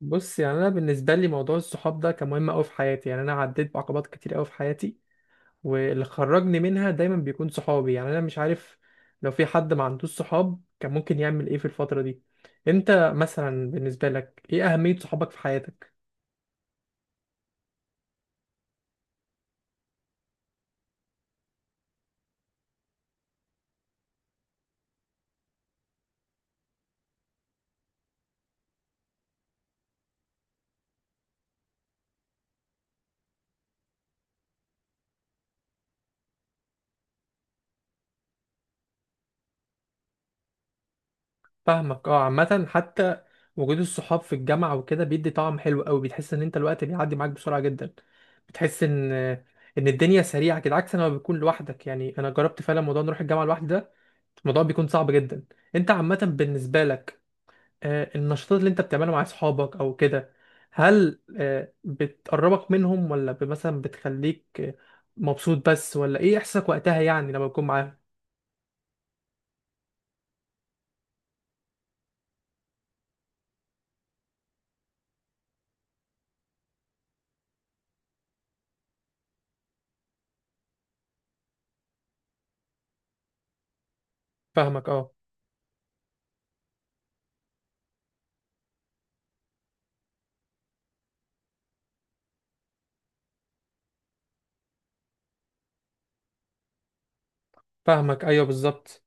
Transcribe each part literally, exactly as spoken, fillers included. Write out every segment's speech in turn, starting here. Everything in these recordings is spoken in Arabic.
بص، يعني انا بالنسبه لي موضوع الصحاب ده كان مهم قوي في حياتي. يعني انا عديت بعقبات كتير قوي في حياتي، واللي خرجني منها دايما بيكون صحابي. يعني انا مش عارف، لو في حد ما عندوش صحاب كان ممكن يعمل ايه في الفتره دي؟ انت مثلا بالنسبه لك ايه اهميه صحابك في حياتك؟ فاهمك، اه. عامه حتى وجود الصحاب في الجامعه وكده بيدي طعم حلو قوي، بتحس ان انت الوقت بيعدي معاك بسرعه جدا. بتحس ان ان الدنيا سريعه كده، عكس لما بتكون لوحدك. يعني انا جربت فعلا موضوع نروح الجامعه لوحدي ده، الموضوع بيكون صعب جدا. انت عامة بالنسبة لك، آه، النشاطات اللي انت بتعملها مع اصحابك او كده، هل آه، بتقربك منهم ولا ب- مثلا بتخليك آه، مبسوط بس، ولا ايه احساسك وقتها يعني لما بتكون معاهم؟ فاهمك، اه. فاهمك، ايوه بالظبط.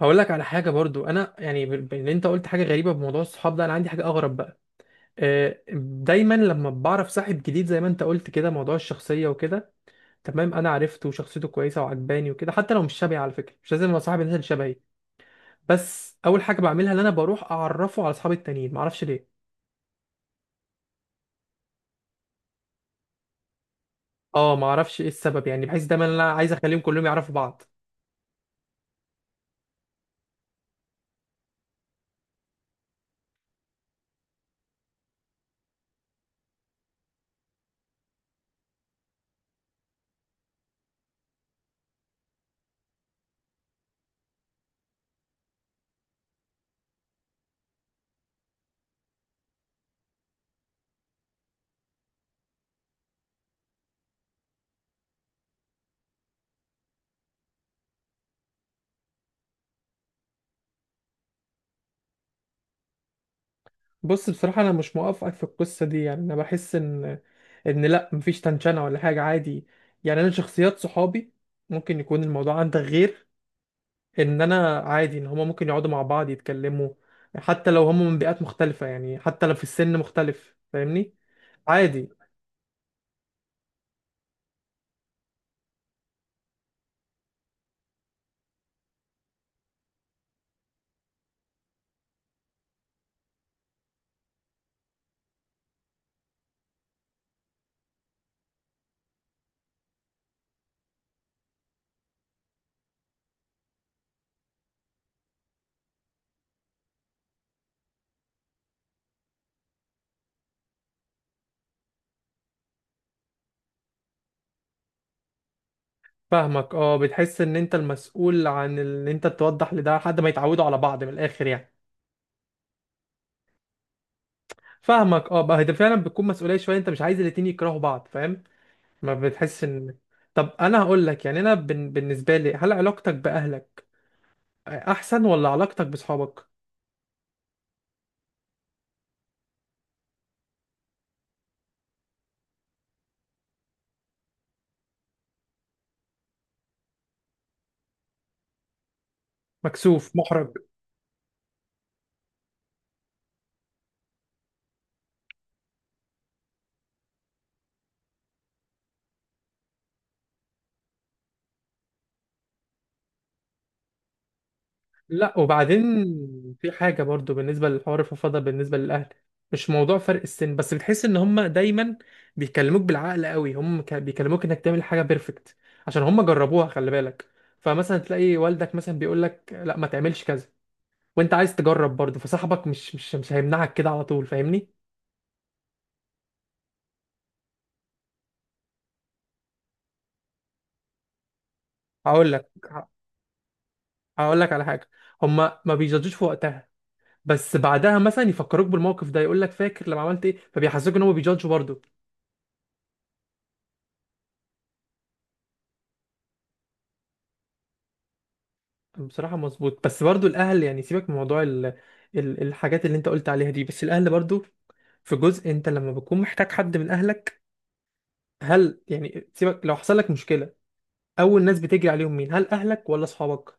هقول لك على حاجة برضو. انا يعني ب- ب- ان انت قلت حاجة غريبة بموضوع الصحاب ده، انا عندي حاجة اغرب بقى. آه، دايما لما بعرف صاحب جديد، زي ما انت قلت كده، موضوع الشخصية وكده تمام. انا عرفته وشخصيته كويسة وعجباني وكده، حتى لو مش شبهي. على فكرة مش لازم ابقى صاحب الناس اللي شبهي، بس اول حاجه بعملها ان انا بروح اعرفه على اصحابي التانيين، ما اعرفش ليه. اه ما اعرفش ايه السبب، يعني بحيث دايما انا عايز اخليهم كلهم يعرفوا بعض. بص، بصراحه انا مش موافقك في القصه دي. يعني انا بحس ان ان لا، مفيش تنشنه ولا حاجه، عادي. يعني انا شخصيات صحابي، ممكن يكون الموضوع عندك غير، ان انا عادي ان هما ممكن يقعدوا مع بعض يتكلموا حتى لو هما من بيئات مختلفه. يعني حتى لو في السن مختلف، فاهمني؟ عادي. فاهمك، اه. بتحس ان انت المسؤول عن ان انت توضح لده لحد ما يتعودوا على بعض، من الاخر يعني؟ فاهمك، اه. بقى ده فعلا بتكون مسؤوليه شويه، انت مش عايز الاتنين يكرهوا بعض، فاهم؟ ما بتحس ان. طب انا هقول لك، يعني انا بن... بالنسبه لي، هل علاقتك باهلك احسن ولا علاقتك بصحابك؟ مكسوف، محرج. لا وبعدين، في حاجة برضو بالنسبة للحوار، الفضفضة بالنسبة للأهل، مش موضوع فرق السن بس. بتحس إن هما دايما بيكلموك بالعقل قوي. هم ك- بيكلموك إنك تعمل حاجة بيرفكت عشان هما جربوها، خلي بالك. فمثلا تلاقي والدك مثلا بيقول لك لا ما تعملش كذا، وأنت عايز تجرب برضو. فصاحبك مش مش مش هيمنعك كده على طول، فاهمني؟ هقول لك هقول لك على حاجة. هما ما بيجادجوش في وقتها، بس بعدها مثلا يفكروك بالموقف ده، يقول لك فاكر لما عملت ايه، فبيحسسوك ان هم بيجادجوا برضو. بصراحة مظبوط. بس برضو الأهل، يعني سيبك من موضوع ال... ال... الحاجات اللي أنت قلت عليها دي. بس الأهل برضو، في جزء أنت لما بتكون محتاج حد من أهلك، هل يعني سيبك لو حصل لك مشكلة، أول ناس بتجري عليهم مين؟ هل أهلك ولا أصحابك؟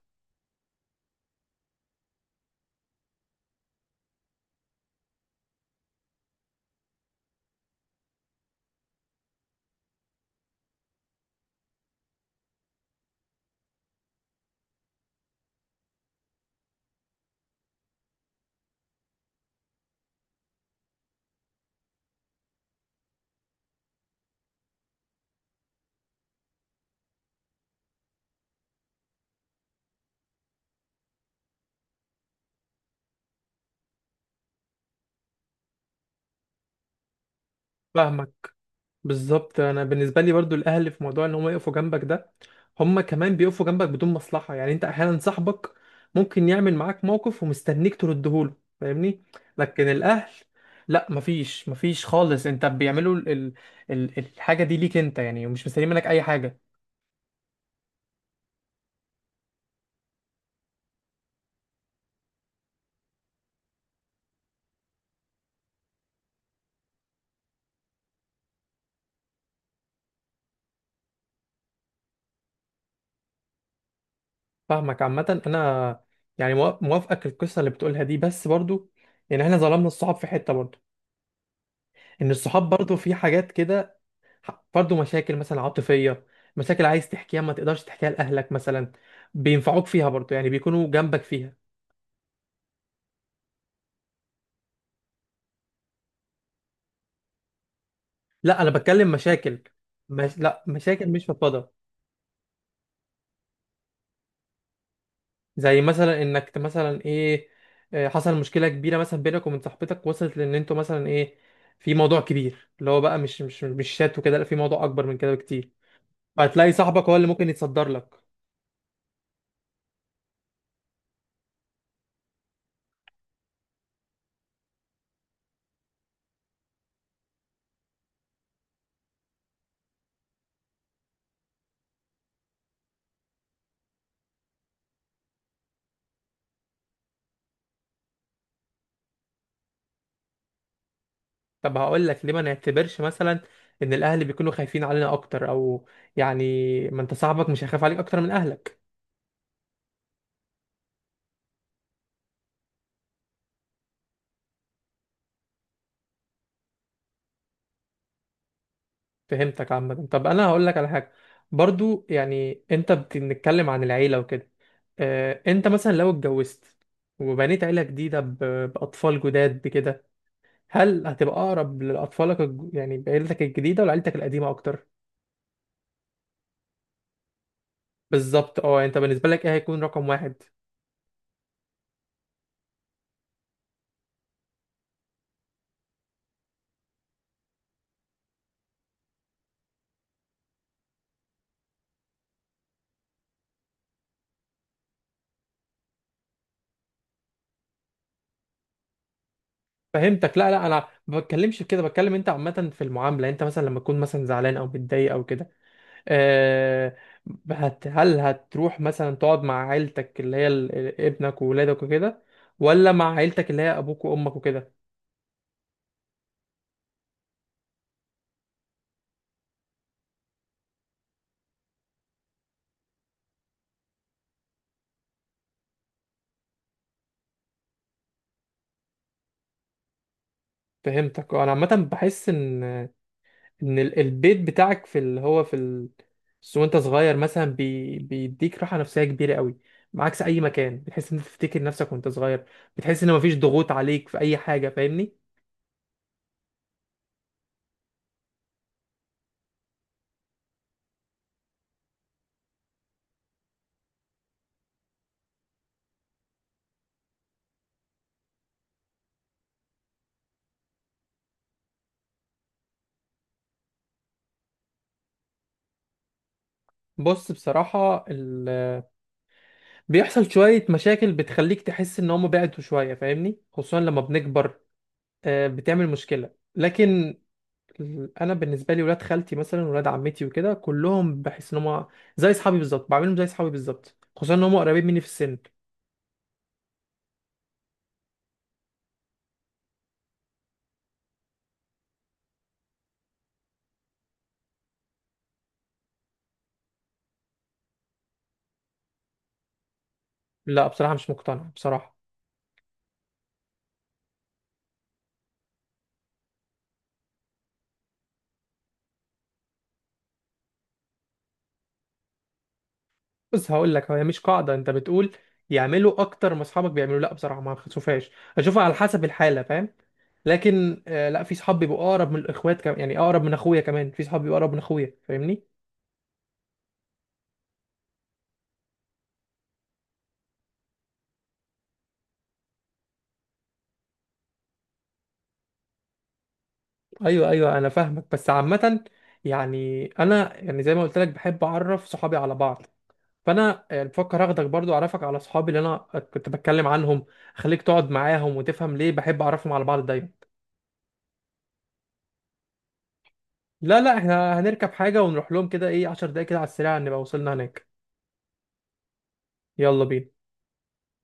فاهمك. بالظبط. انا بالنسبه لي برضو الاهل، في موضوع ان هم يقفوا جنبك ده، هم كمان بيقفوا جنبك بدون مصلحه. يعني انت احيانا صاحبك ممكن يعمل معاك موقف ومستنيك تردهوله، فاهمني؟ لكن الاهل لا، مفيش مفيش خالص. انت بيعملوا ال... ال... ال- الحاجه دي ليك انت يعني، ومش مستنيين منك اي حاجه. فاهمك. عامه انا يعني موا- موافقك القصه اللي بتقولها دي. بس برضو يعني احنا ظلمنا الصحاب في حته برضو، ان الصحاب برضو في حاجات كده برضه. مشاكل مثلا عاطفية، مشاكل عايز تحكيها ما تقدرش تحكيها لأهلك مثلا، بينفعوك فيها برضه، يعني بيكونوا جنبك فيها. لا أنا بتكلم مشاكل مش... لا مشاكل مش فضفاضة. زي مثلا إنك ت- مثلا إيه، آه، حصل مشكلة كبيرة مثلا بينك وبين صاحبتك، وصلت لأن أنتوا مثلا إيه، في موضوع كبير، اللي هو بقى مش مش مش شات وكده، لا في موضوع أكبر من كده بكتير. فهتلاقي صاحبك هو اللي ممكن يتصدر لك. طب هقول لك ليه ما نعتبرش مثلا ان الاهل بيكونوا خايفين علينا اكتر، او يعني ما انت صاحبك مش هيخاف عليك اكتر من اهلك؟ فهمتك. عامه طب انا هقول لك على حاجه برضو، يعني انت بتتكلم عن العيله وكده. اه انت مثلا لو اتجوزت، وبنيت عيله جديده ب- باطفال جداد بكده، هل هتبقى اقرب لاطفالك الج- يعني بعيلتك الجديده ولا عيلتك القديمه اكتر؟ بالظبط، اه. يعني انت بالنسبه لك ايه هيكون رقم واحد؟ فهمتك. لا لا، انا ما بتكلمش في كده، بتكلم انت عامه في المعامله. انت مثلا لما تكون مثلا زعلان او متضايق او كده، أه، هت هل هتروح مثلا تقعد مع عيلتك اللي هي ال- ال- ابنك وولادك وكده، ولا مع عيلتك اللي هي ابوك وامك وكده؟ فهمتك. انا عامه بحس ان ان ال- البيت بتاعك في اللي هو في ال... بس وانت صغير مثلا، بي... بيديك راحه نفسيه كبيره قوي. عكس اي مكان، بتحس ان انت تفتكر نفسك وانت صغير. بتحس ان مفيش ضغوط عليك في اي حاجه، فاهمني؟ بص، بصراحة ال... بيحصل شوية مشاكل بتخليك تحس إن هم بعدوا شوية، فاهمني؟ خصوصا لما بنكبر، آه، بتعمل مشكلة. لكن ال- أنا بالنسبة لي ولاد خالتي مثلا، ولاد عمتي وكده، كلهم بحس إن هم زي أصحابي بالظبط، بعملهم زي أصحابي بالظبط، خصوصا إن هم قريبين مني في السن. لا بصراحة مش مقتنع بصراحة. بس هقول لك، هي مش قاعده انت بتقول يعملوا اكتر ما اصحابك بيعملوا، لا بصراحه ما بشوفهاش. اشوفها على حسب الحاله، فاهم؟ لكن آه، لا، في صحاب بيبقوا اقرب من الاخوات كمان. يعني اقرب من اخويا كمان، في صحاب بيبقوا اقرب من اخويا، فاهمني؟ ايوه ايوه انا فاهمك. بس عامه يعني انا، يعني زي ما قلت لك بحب اعرف صحابي على بعض، فانا يعني بفكر اخدك برضو اعرفك على صحابي اللي انا كنت بتكلم عنهم، اخليك تقعد معاهم وتفهم ليه بحب اعرفهم على بعض دايما. لا لا، احنا هنركب حاجه ونروح لهم، كده ايه عشر دقايق كده على السريع، نبقى وصلنا هناك. يلا بينا.